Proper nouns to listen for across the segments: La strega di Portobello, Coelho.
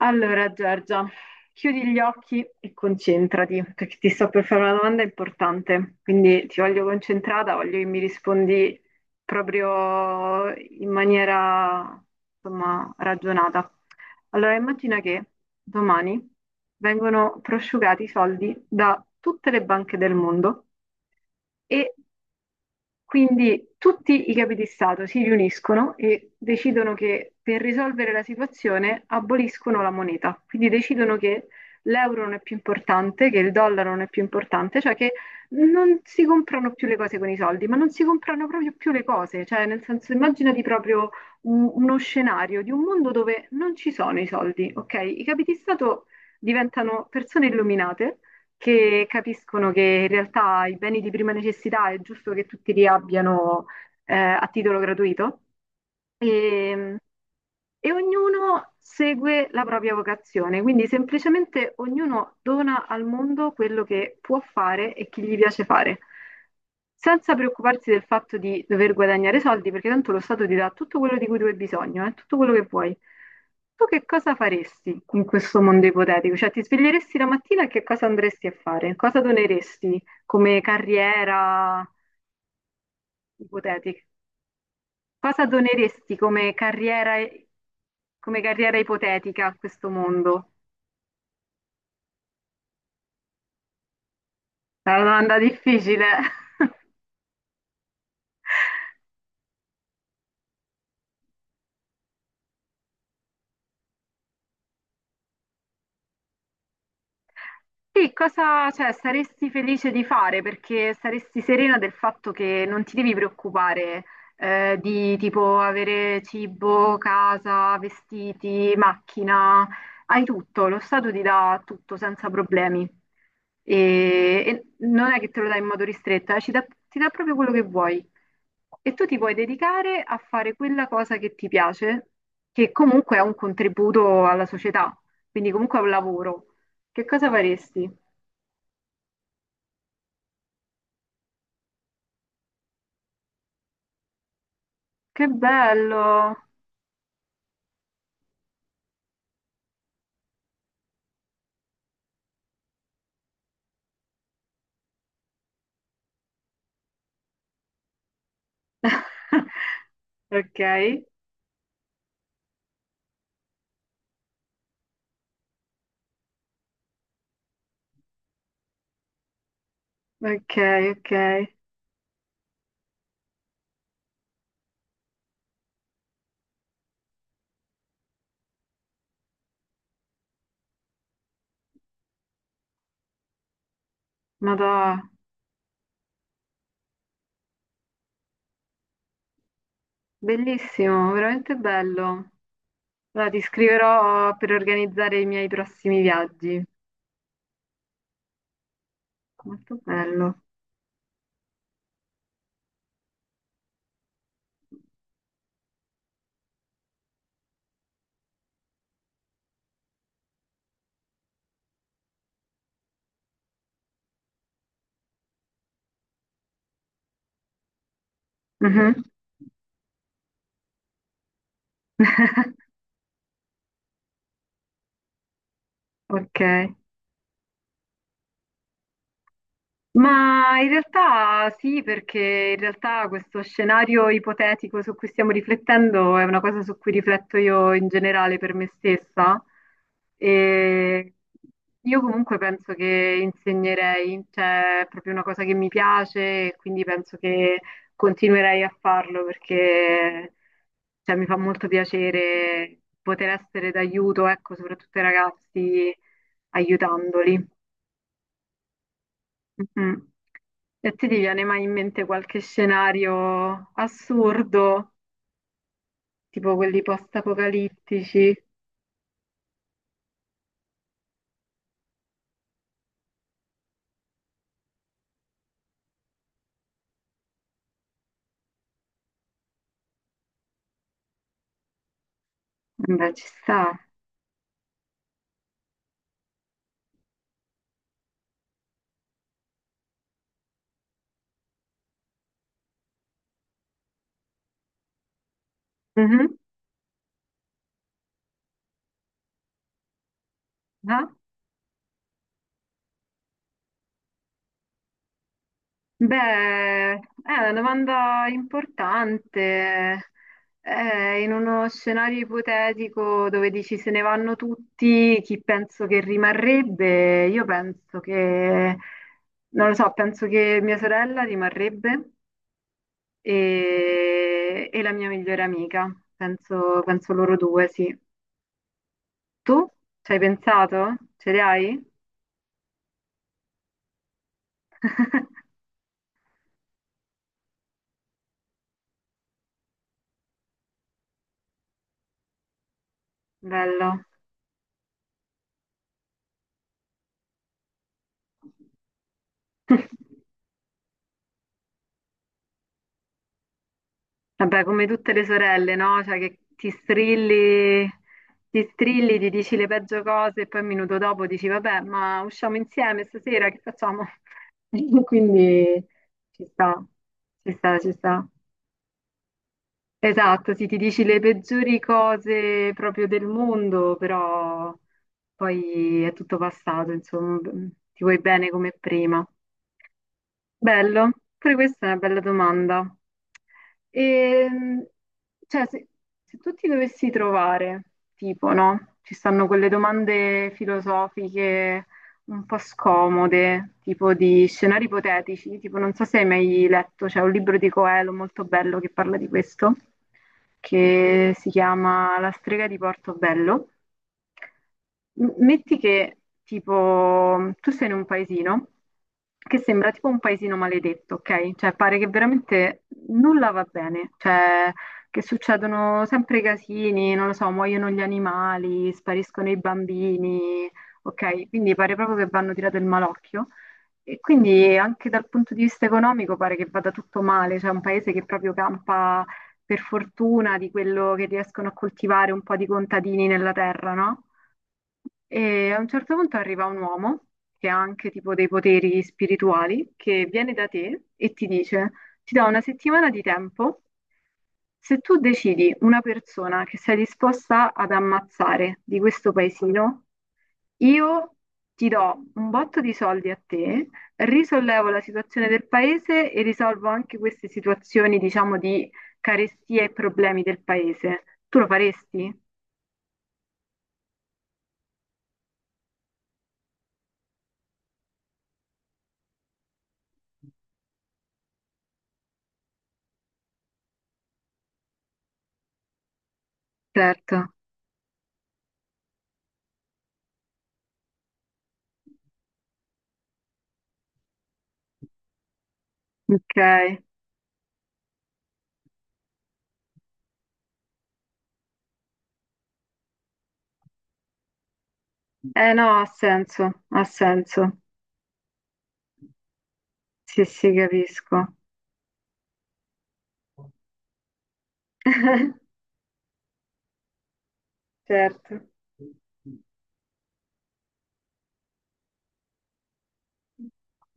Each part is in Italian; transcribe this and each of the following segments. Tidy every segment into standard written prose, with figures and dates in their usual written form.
Allora, Giorgia, chiudi gli occhi e concentrati, perché ti sto per fare una domanda importante, quindi ti voglio concentrata, voglio che mi rispondi proprio in maniera, insomma, ragionata. Allora, immagina che domani vengono prosciugati i soldi da tutte le banche del mondo e quindi tutti i capi di Stato si riuniscono e decidono che per risolvere la situazione aboliscono la moneta. Quindi decidono che l'euro non è più importante, che il dollaro non è più importante, cioè che non si comprano più le cose con i soldi, ma non si comprano proprio più le cose. Cioè, nel senso, immaginati proprio uno scenario di un mondo dove non ci sono i soldi, ok? I capi di Stato diventano persone illuminate che capiscono che in realtà i beni di prima necessità è giusto che tutti li abbiano a titolo gratuito. E, e ognuno segue la propria vocazione, quindi semplicemente ognuno dona al mondo quello che può fare e che gli piace fare, senza preoccuparsi del fatto di dover guadagnare soldi, perché tanto lo Stato ti dà tutto quello di cui tu hai bisogno, tutto quello che vuoi. Tu che cosa faresti in questo mondo ipotetico? Cioè, ti sveglieresti la mattina e che cosa andresti a fare? Cosa doneresti come carriera ipotetica? Cosa doneresti come carriera ipotetica a questo mondo? È una domanda difficile. Sì, cosa, cioè, saresti felice di fare perché saresti serena del fatto che non ti devi preoccupare di tipo avere cibo, casa, vestiti, macchina, hai tutto, lo Stato ti dà tutto senza problemi e, e non è che te lo dà in modo ristretto, ti dà proprio quello che vuoi e tu ti puoi dedicare a fare quella cosa che ti piace, che comunque è un contributo alla società, quindi comunque è un lavoro. Che cosa faresti? Che bello! Ok, ok, ok. Madò, bellissimo, veramente bello. Allora, ti scriverò per organizzare i miei prossimi viaggi. Molto bello. Mhm. Ok. Ma in realtà sì, perché in realtà questo scenario ipotetico su cui stiamo riflettendo è una cosa su cui rifletto io in generale per me stessa. E io comunque penso che insegnerei, cioè è proprio una cosa che mi piace e quindi penso che continuerei a farlo perché cioè, mi fa molto piacere poter essere d'aiuto, ecco, soprattutto ai ragazzi, aiutandoli. Mhm. E ti viene mai in mente qualche scenario assurdo, tipo quelli post-apocalittici? Beh, ci sta. Mhm. Ah. Beh, è una domanda importante. In uno scenario ipotetico dove dici se ne vanno tutti, chi penso che rimarrebbe? Io penso che, non lo so, penso che mia sorella rimarrebbe. E, e la mia migliore amica. Penso, penso loro due, sì. Tu ci hai pensato? Ce li hai? Bello. Vabbè, come tutte le sorelle, no? Cioè che ti strilli, ti strilli, ti dici le peggio cose e poi un minuto dopo dici, vabbè, ma usciamo insieme stasera, che facciamo? Quindi ci sta, ci sta, ci sta. Esatto, sì, ti dici le peggiori cose proprio del mondo, però poi è tutto passato, insomma, ti vuoi bene come prima. Bello, pure questa è una bella domanda. Ehm, cioè, se, se tu ti dovessi trovare, tipo, no? Ci stanno quelle domande filosofiche un po' scomode, tipo di scenari ipotetici, tipo non so se hai mai letto, c'è un libro di Coelho molto bello che parla di questo, che si chiama La strega di Portobello. Metti che tipo tu sei in un paesino che sembra tipo un paesino maledetto, ok? Cioè pare che veramente nulla va bene, cioè che succedono sempre casini, non lo so, muoiono gli animali, spariscono i bambini, ok? Quindi pare proprio che vanno tirato il malocchio. E quindi anche dal punto di vista economico pare che vada tutto male, cioè un paese che proprio campa per fortuna di quello che riescono a coltivare un po' di contadini nella terra, no? E a un certo punto arriva un uomo che ha anche tipo dei poteri spirituali che viene da te e ti dice: Ti do una settimana di tempo. Se tu decidi una persona che sei disposta ad ammazzare di questo paesino, io ti do un botto di soldi a te, risollevo la situazione del paese e risolvo anche queste situazioni, diciamo, di carestia e problemi del paese. Tu lo faresti? Certo. Ok. Eh no, ha senso, ha senso. Sì, sì, capisco. Certo.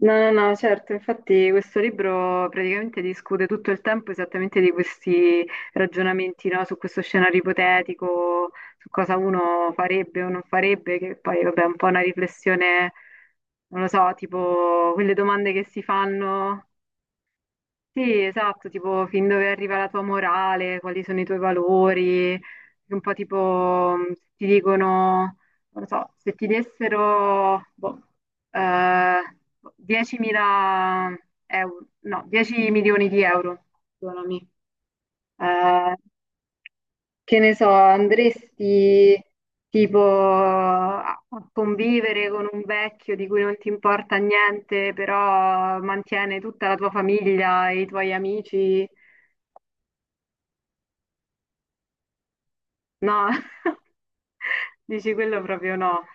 No, no, no, certo, infatti questo libro praticamente discute tutto il tempo esattamente di questi ragionamenti, no, su questo scenario ipotetico, su cosa uno farebbe o non farebbe, che poi vabbè è un po' una riflessione, non lo so, tipo quelle domande che si fanno. Sì, esatto, tipo fin dove arriva la tua morale, quali sono i tuoi valori, un po' tipo se ti dicono, non lo so, se ti dessero boh, eh, 10.000 euro, no, 10 milioni di euro, perdonami, eh, che ne so, andresti tipo a convivere con un vecchio di cui non ti importa niente, però mantiene tutta la tua famiglia e i tuoi amici. No, dici quello proprio no.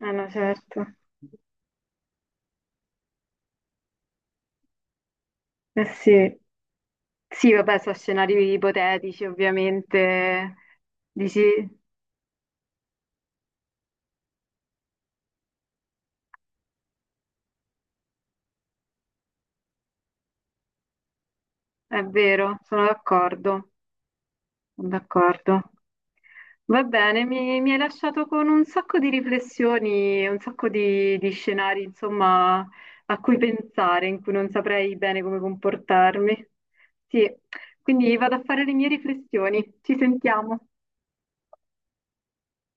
Eh no, certo. Eh sì. Sì, vabbè, sono scenari ipotetici, ovviamente. Dici, è vero, sono d'accordo, sono d'accordo. Va bene, mi hai lasciato con un sacco di riflessioni, un sacco di scenari, insomma, a cui pensare, in cui non saprei bene come comportarmi. Sì, quindi vado a fare le mie riflessioni. Ci sentiamo.